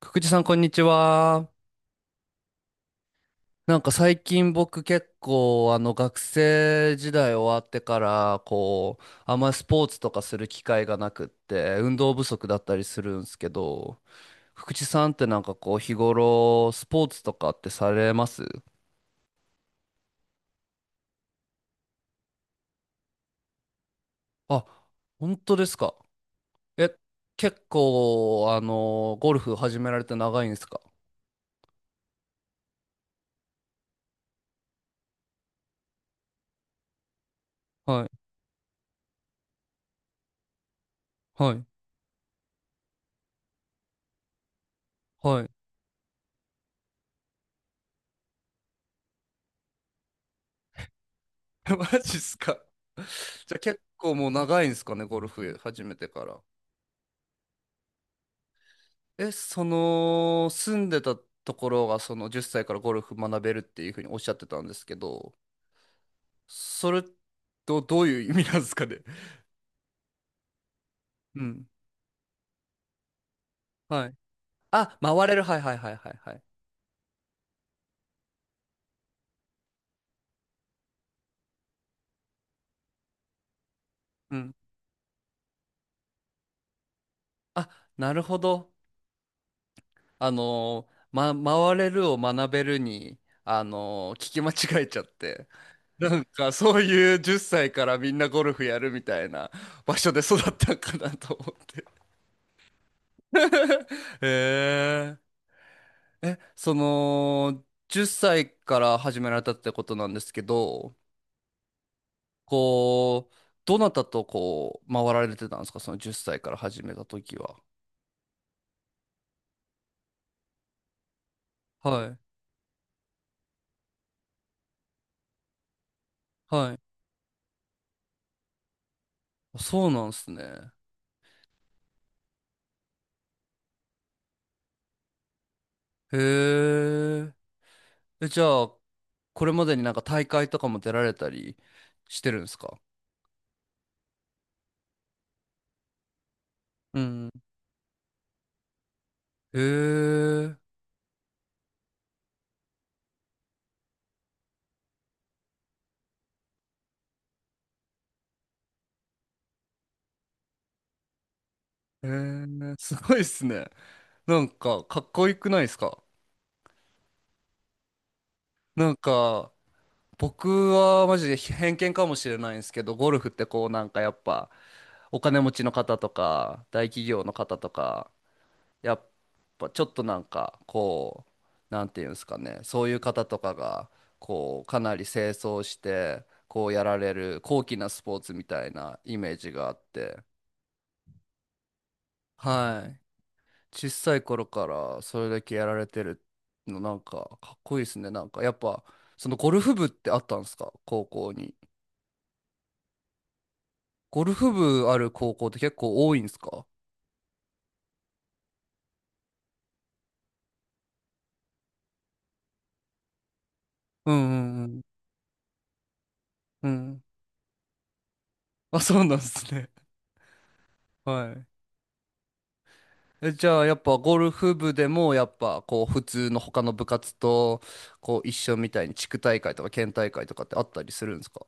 くくじさん、こんにちは。なんか最近僕結構学生時代終わってからこうあんまりスポーツとかする機会がなくって運動不足だったりするんですけど、福地さんってなんかこう日頃スポーツとかってされます？あ、本当ですか。え、結構ゴルフ始められて長いんですか？はいはいはい。マジっすか。じゃあ結構もう長いんですかね、ゴルフ始めてから。え、その、住んでたところが、その10歳からゴルフ学べるっていうふうにおっしゃってたんですけど、それとどういう意味なんですかね。うん。はい。あ、回れる。はいはいはいはいはい。うん。あ、なるほど。あのー、ま、回れるを学べるに、聞き間違えちゃって。なんか、そういう10歳からみんなゴルフやるみたいな場所で育ったんかなと思って。へええ、その、10歳から始められたってことなんですけど、こう、どなたとこう、回られてたんですか、その10歳から始めた時は。はい。はい。そうなんですね。へえ。え、じゃあ、これまでになんか大会とかも出られたりしてるんですか？うん。へえ。へえ。すごいっすね。なんか、かっこよくないですか？なんか、僕はマジで偏見かもしれないんですけど、ゴルフってこうなんかやっぱお金持ちの方とか大企業の方とか、やっぱちょっとなんかこう、なんていうんですかね、そういう方とかがこうかなり清掃してこうやられる高貴なスポーツみたいなイメージがあって、はい。小さい頃からそれだけやられてるのなんかかっこいいですね。なんかやっぱそのゴルフ部ってあったんですか、高校に。ゴルフ部ある高校って結構多いんですか？うんうんうん。うん。あ、そうなんですね。はい。え、じゃあ、やっぱゴルフ部でも、やっぱ、こう、普通の他の部活と、こう、一緒みたいに地区大会とか県大会とかってあったりするんですか？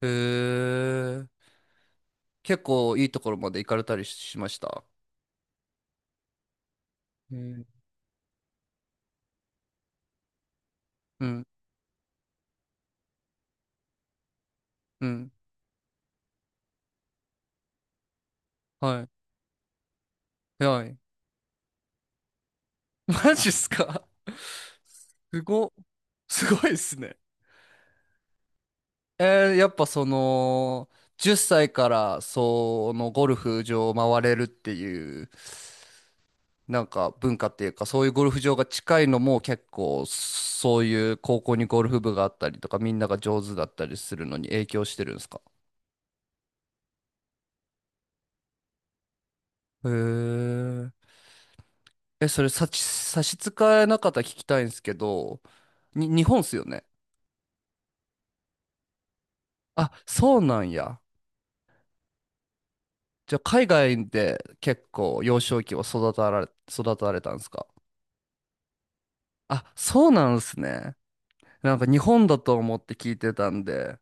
へえ。結構いいところまで行かれたりしました。うんうん、うん。はい。はい。マジっすか すご、すごいっすね。やっぱその、10歳からそのゴルフ場を回れるっていう、なんか文化っていうか、そういうゴルフ場が近いのも結構、そういう高校にゴルフ部があったりとか、みんなが上手だったりするのに影響してるんですか？へえ。え、それ差し支えなかったら聞きたいんですけど、日本っすよね。あ、そうなんや。じゃあ海外で結構幼少期を育たれたんですか？あ、そうなんですね。なんか日本だと思って聞いてたんで、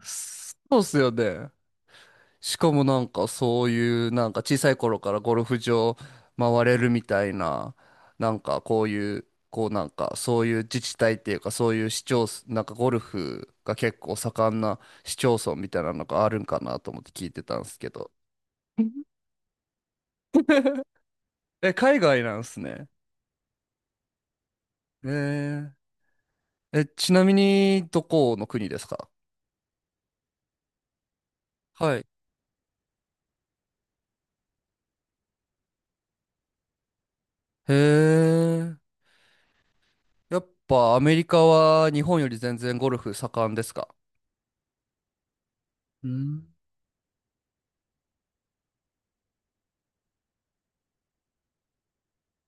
そうっすよね。しかもなんかそういうなんか小さい頃からゴルフ場回れるみたいな、なんかこういう、こうなんかそういう自治体っていうかそういう市町村、なんかゴルフが結構盛んな市町村みたいなのがあるんかなと思って聞いてたんですけど。え、海外なんすね。ええ、ちなみにどこの国ですか？はい。へえ。やっぱアメリカは日本より全然ゴルフ盛んですか？うん。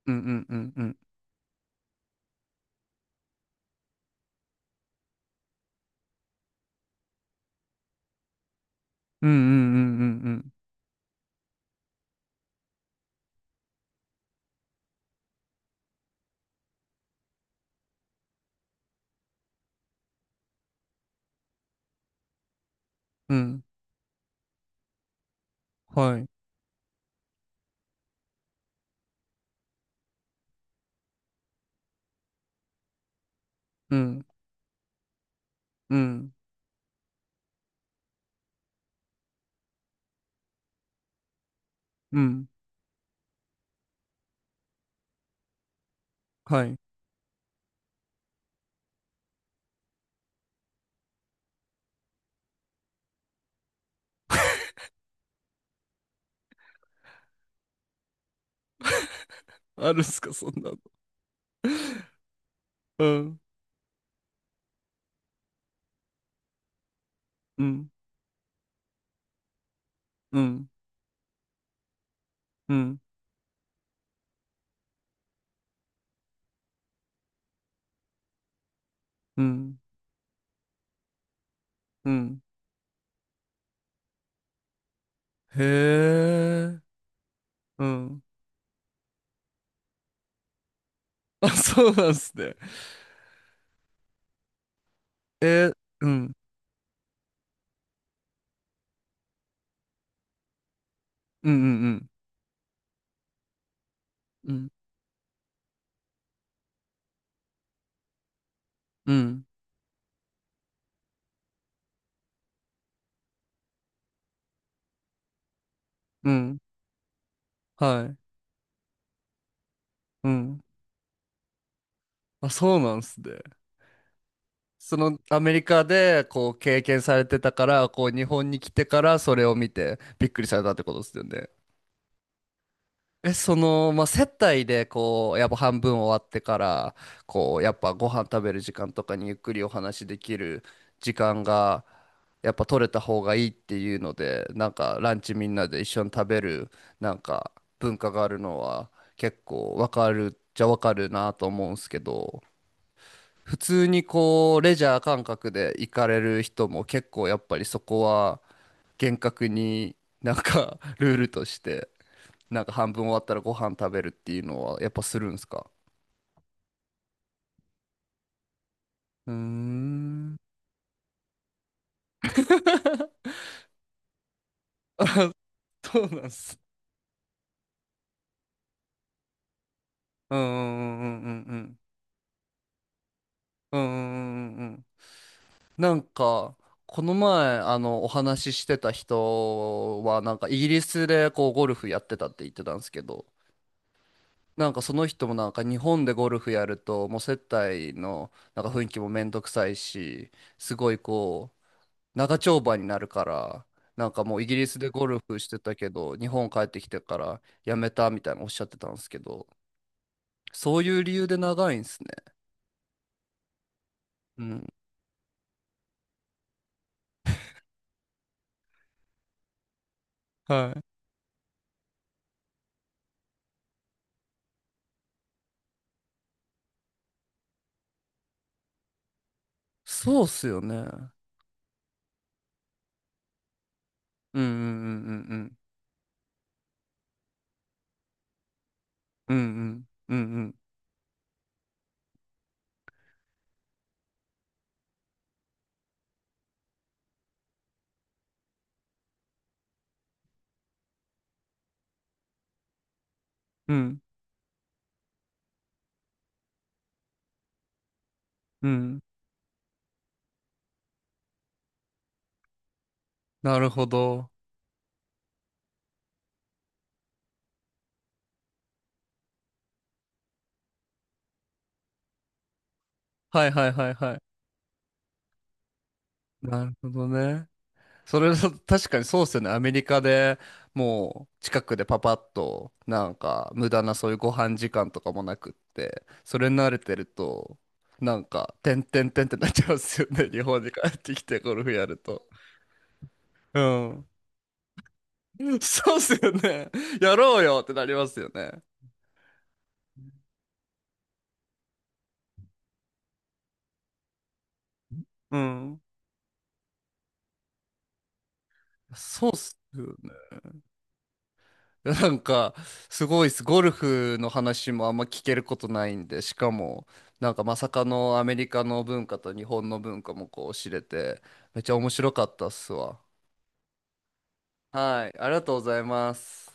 うんうんうんうん。うんうんうんうんうんうん。はい。うんうんうんはい。あるんすか、そんなの。うんうんうんうんうんうん、へえ。うん。あ、そうなんすね。えー、うんうんうんうんうんうんうん、はい。うん。あ、そうなんすね。そのアメリカでこう経験されてたから、こう日本に来てからそれを見てびっくりされたってことですよね。え、その、まあ、接待でこう、やっぱ半分終わってから、こう、やっぱご飯食べる時間とかにゆっくりお話できる時間が、やっぱ取れた方がいいっていうので、なんかランチみんなで一緒に食べる、なんか文化があるのは結構わかるっちゃわかるなと思うんすけど、普通にこう、レジャー感覚で行かれる人も結構やっぱりそこは厳格になんか ルールとして、なんか半分終わったらご飯食べるっていうのはやっぱするんですか？うーん。そうなんす。うんうんうんうんうん。うんうんうんうん。なんか、この前、お話ししてた人は、なんかイギリスでこう、ゴルフやってたって言ってたんですけど、なんかその人もなんか日本でゴルフやるともう接待のなんか雰囲気もめんどくさいし、すごいこう長丁場になるから、なんかもうイギリスでゴルフしてたけど日本帰ってきてからやめたみたいなおっしゃってたんですけど、そういう理由で長いんですね。うん。はい。そうっすよね。うんうんうんうんうんうんうんうんうんうんうん、なるほど。はいはいはいはい。なるほどね。それだ確かにそうっすよね。アメリカでもう近くでパパッとなんか無駄なそういうご飯時間とかもなくって、それに慣れてるとなんかてんてんてんってなっちゃうんですよね。日本に帰ってきてゴルフやると。うん。そうっすよね。やろうよってなりますよね。うん。そうっす。なんか、すごいです。ゴルフの話もあんま聞けることないんで、しかも、なんかまさかのアメリカの文化と日本の文化もこう知れて、めっちゃ面白かったっすわ。はい、ありがとうございます。